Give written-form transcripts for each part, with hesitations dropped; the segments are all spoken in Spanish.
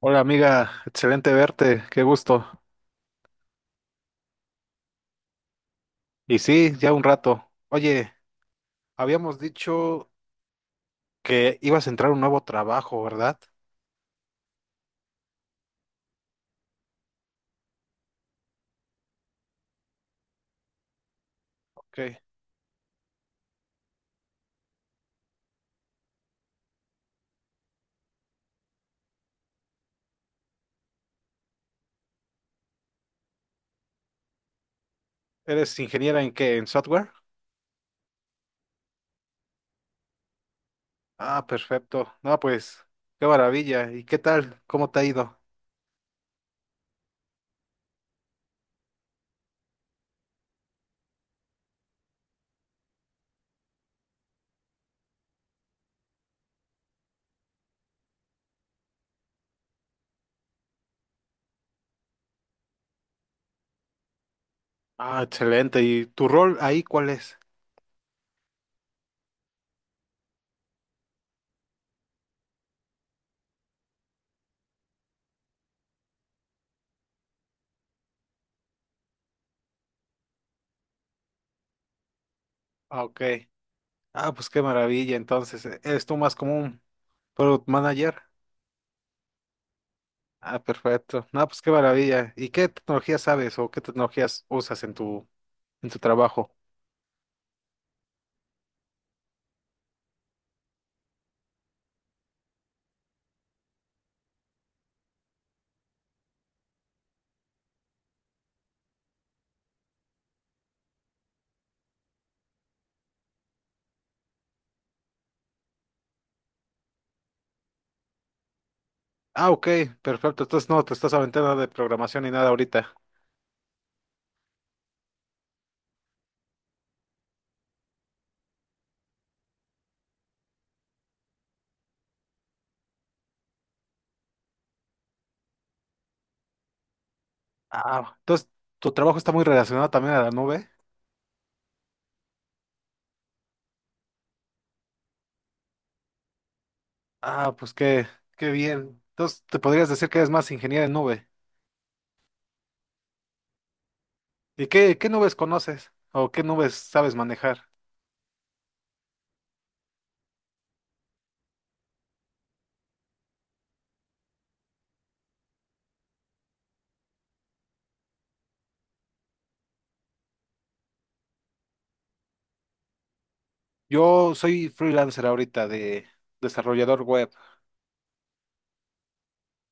Hola amiga, excelente verte, qué gusto. Y sí, ya un rato. Oye, habíamos dicho que ibas a entrar a un nuevo trabajo, ¿verdad? Ok. ¿Eres ingeniera en qué? ¿En software? Ah, perfecto. No, pues, qué maravilla. ¿Y qué tal? ¿Cómo te ha ido? Ah, excelente. ¿Y tu rol ahí cuál es? Ah, ok. Ah, pues qué maravilla. Entonces, ¿eres tú más como un product manager? Ah, perfecto. No, pues qué maravilla. ¿Y qué tecnologías sabes o qué tecnologías usas en tu trabajo? Ah, ok, perfecto. Entonces no te estás aventando nada de programación ni nada ahorita. Ah, entonces tu trabajo está muy relacionado también a la nube. Ah, pues qué, qué bien. Entonces te podrías decir que eres más ingeniero en nube. ¿Y qué, qué nubes conoces o qué nubes sabes manejar? Yo soy freelancer ahorita de desarrollador web.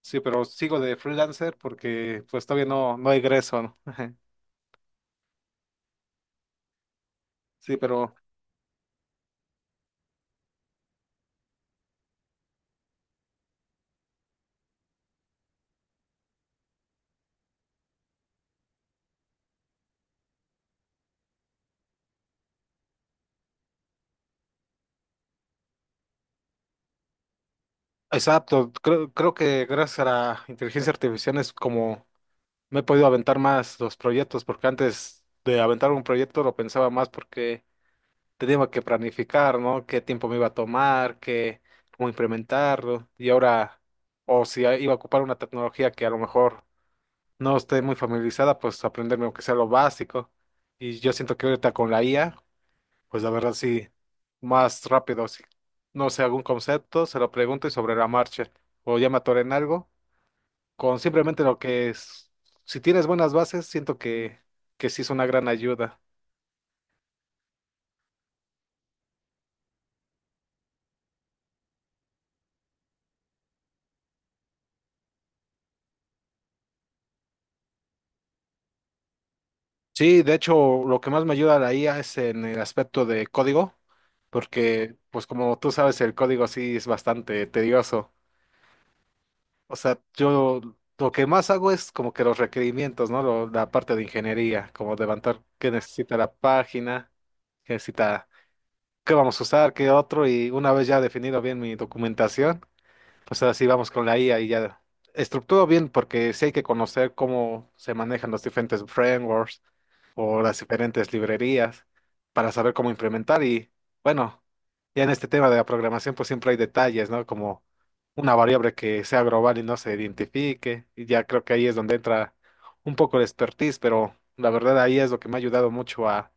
Sí, pero sigo de freelancer porque pues todavía no egreso, ¿no? Sí, pero exacto. Creo que gracias a la inteligencia artificial es como no he podido aventar más los proyectos porque antes de aventar un proyecto lo pensaba más porque tenía que planificar, ¿no? Qué tiempo me iba a tomar, qué, cómo implementarlo. Y ahora, o si iba a ocupar una tecnología que a lo mejor no esté muy familiarizada, pues aprenderme aunque sea lo básico. Y yo siento que ahorita con la IA, pues la verdad sí, más rápido, si no sé algún concepto, se lo pregunto y sobre la marcha. O ya me atoré en algo, con simplemente lo que es, si tienes buenas bases, que sí es una gran ayuda. Sí, de hecho, lo que más me ayuda la IA es en el aspecto de código, porque, pues como tú sabes, el código sí es bastante tedioso. O sea, yo lo que más hago es como que los requerimientos, ¿no? La parte de ingeniería, como levantar qué necesita la página, qué necesita, qué vamos a usar, qué otro, y una vez ya definido bien mi documentación. Pues ahora sí vamos con la IA y ya estructuro bien porque sí hay que conocer cómo se manejan los diferentes frameworks o las diferentes librerías para saber cómo implementar y bueno, ya en este tema de la programación pues siempre hay detalles, ¿no? Como una variable que sea global y no se identifique y ya creo que ahí es donde entra un poco el expertise, pero la verdad ahí es lo que me ha ayudado mucho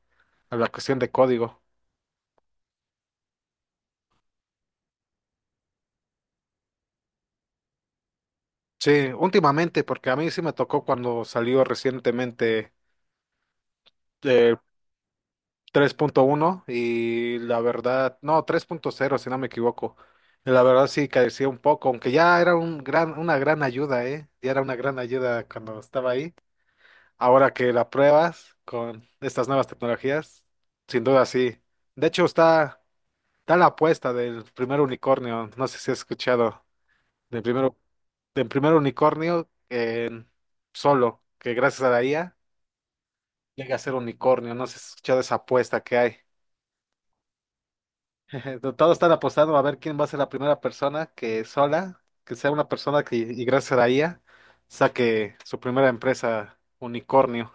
a la cuestión de código. Sí, últimamente porque a mí sí me tocó cuando salió recientemente eh, 3.1 y la verdad, no, 3.0 si no me equivoco. La verdad sí carecía un poco, aunque ya era una gran ayuda, ¿eh? Ya era una gran ayuda cuando estaba ahí. Ahora que la pruebas con estas nuevas tecnologías, sin duda sí. De hecho está, está la apuesta del primer unicornio, no sé si has escuchado, del primero, del primer unicornio en solo, que gracias a la IA llega a ser unicornio, no sé si has escuchado esa apuesta que hay. Todo está apostado a ver quién va a ser la primera persona que sola, que sea una persona que, y gracias a la IA, saque su primera empresa unicornio.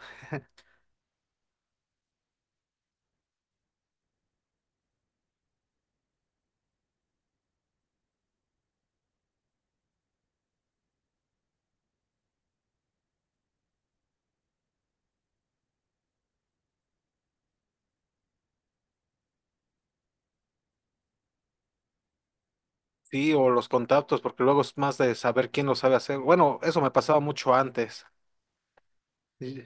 Sí, o los contactos, porque luego es más de saber quién lo sabe hacer. Bueno, eso me pasaba mucho antes. Y,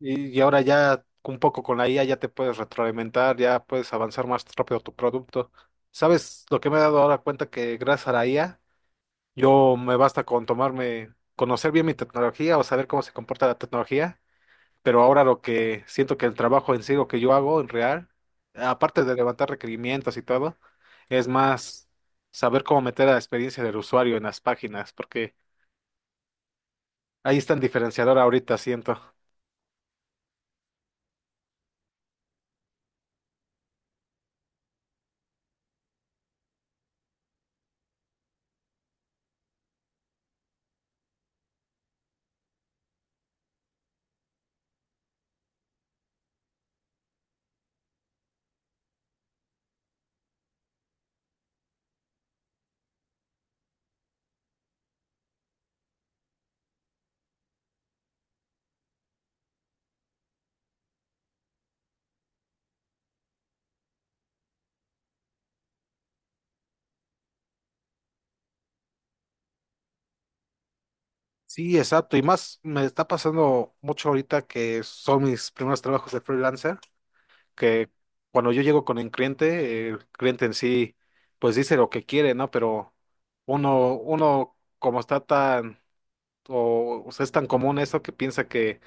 y- y ahora ya un poco con la IA ya te puedes retroalimentar, ya puedes avanzar más rápido tu producto. ¿Sabes lo que me he dado ahora cuenta que gracias a la IA, yo me basta con tomarme, conocer bien mi tecnología o saber cómo se comporta la tecnología pero ahora lo que siento que el trabajo en sí, lo que yo hago en real, aparte de levantar requerimientos y todo, es más saber cómo meter a la experiencia del usuario en las páginas, porque ahí está el diferenciador ahorita, siento. Sí, exacto, y más me está pasando mucho ahorita que son mis primeros trabajos de freelancer, que cuando yo llego con el cliente en sí, pues dice lo que quiere, ¿no? Pero uno como está tan, o sea, es tan común eso que piensa que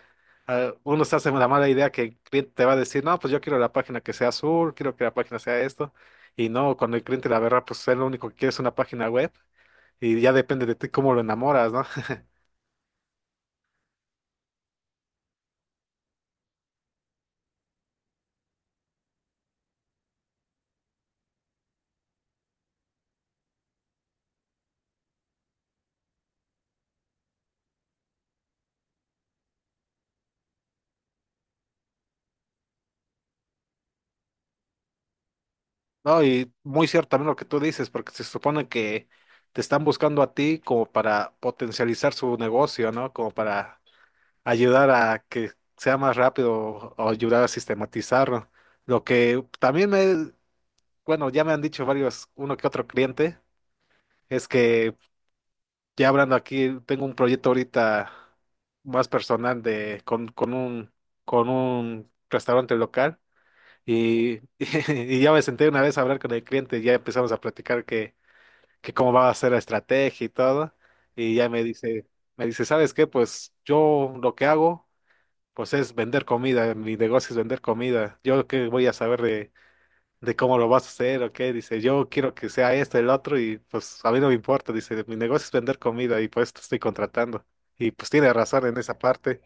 ah, uno se hace la mala idea que el cliente te va a decir, no, pues yo quiero la página que sea azul, quiero que la página sea esto. Y no, cuando el cliente, la verdad, pues es lo único que quiere es una página web y ya depende de ti cómo lo enamoras, ¿no? No, y muy cierto también lo que tú dices, porque se supone que te están buscando a ti como para potencializar su negocio, ¿no? Como para ayudar a que sea más rápido o ayudar a sistematizarlo. Lo que también me, bueno, ya me han dicho varios, uno que otro cliente, es que ya hablando aquí, tengo un proyecto ahorita más personal de con un restaurante local y, y ya me senté una vez a hablar con el cliente, y ya empezamos a platicar que cómo va a ser la estrategia y todo, y ya me dice, ¿sabes qué? Pues yo lo que hago pues es vender comida, mi negocio es vender comida. Yo qué voy a saber de cómo lo vas a hacer o qué. Dice, yo quiero que sea esto, el otro, y pues a mí no me importa. Dice, mi negocio es vender comida y pues te estoy contratando. Y pues tiene razón en esa parte.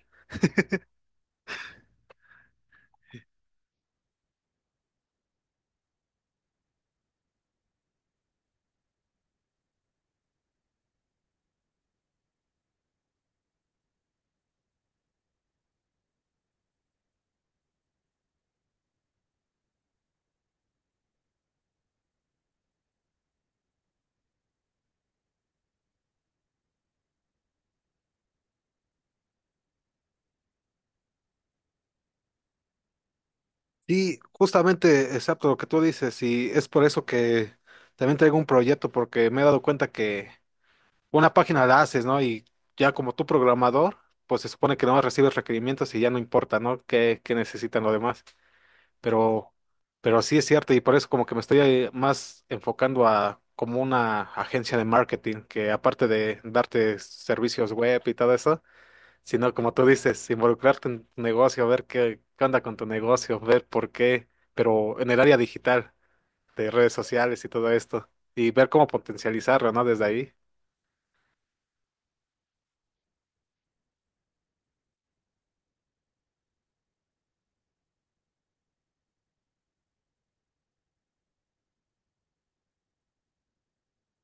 Y justamente, exacto lo que tú dices, y es por eso que también traigo un proyecto, porque me he dado cuenta que una página la haces, ¿no? Y ya como tú programador, pues se supone que no recibes requerimientos y ya no importa, ¿no? ¿Qué, qué necesitan los demás? pero, pero sí es cierto y por eso como que me estoy más enfocando a como una agencia de marketing que aparte de darte servicios web y todo eso, sino como tú dices, involucrarte en tu negocio, ver qué, qué onda con tu negocio, ver por qué, pero en el área digital de redes sociales y todo esto y ver cómo potencializarlo, ¿no? Desde ahí.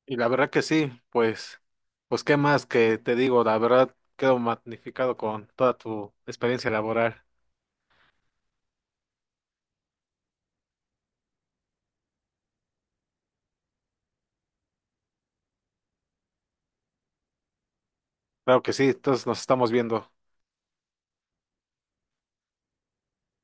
Y la verdad que sí, pues, pues qué más que te digo, la verdad quedo magnificado con toda tu experiencia laboral. Claro que sí, entonces nos estamos viendo.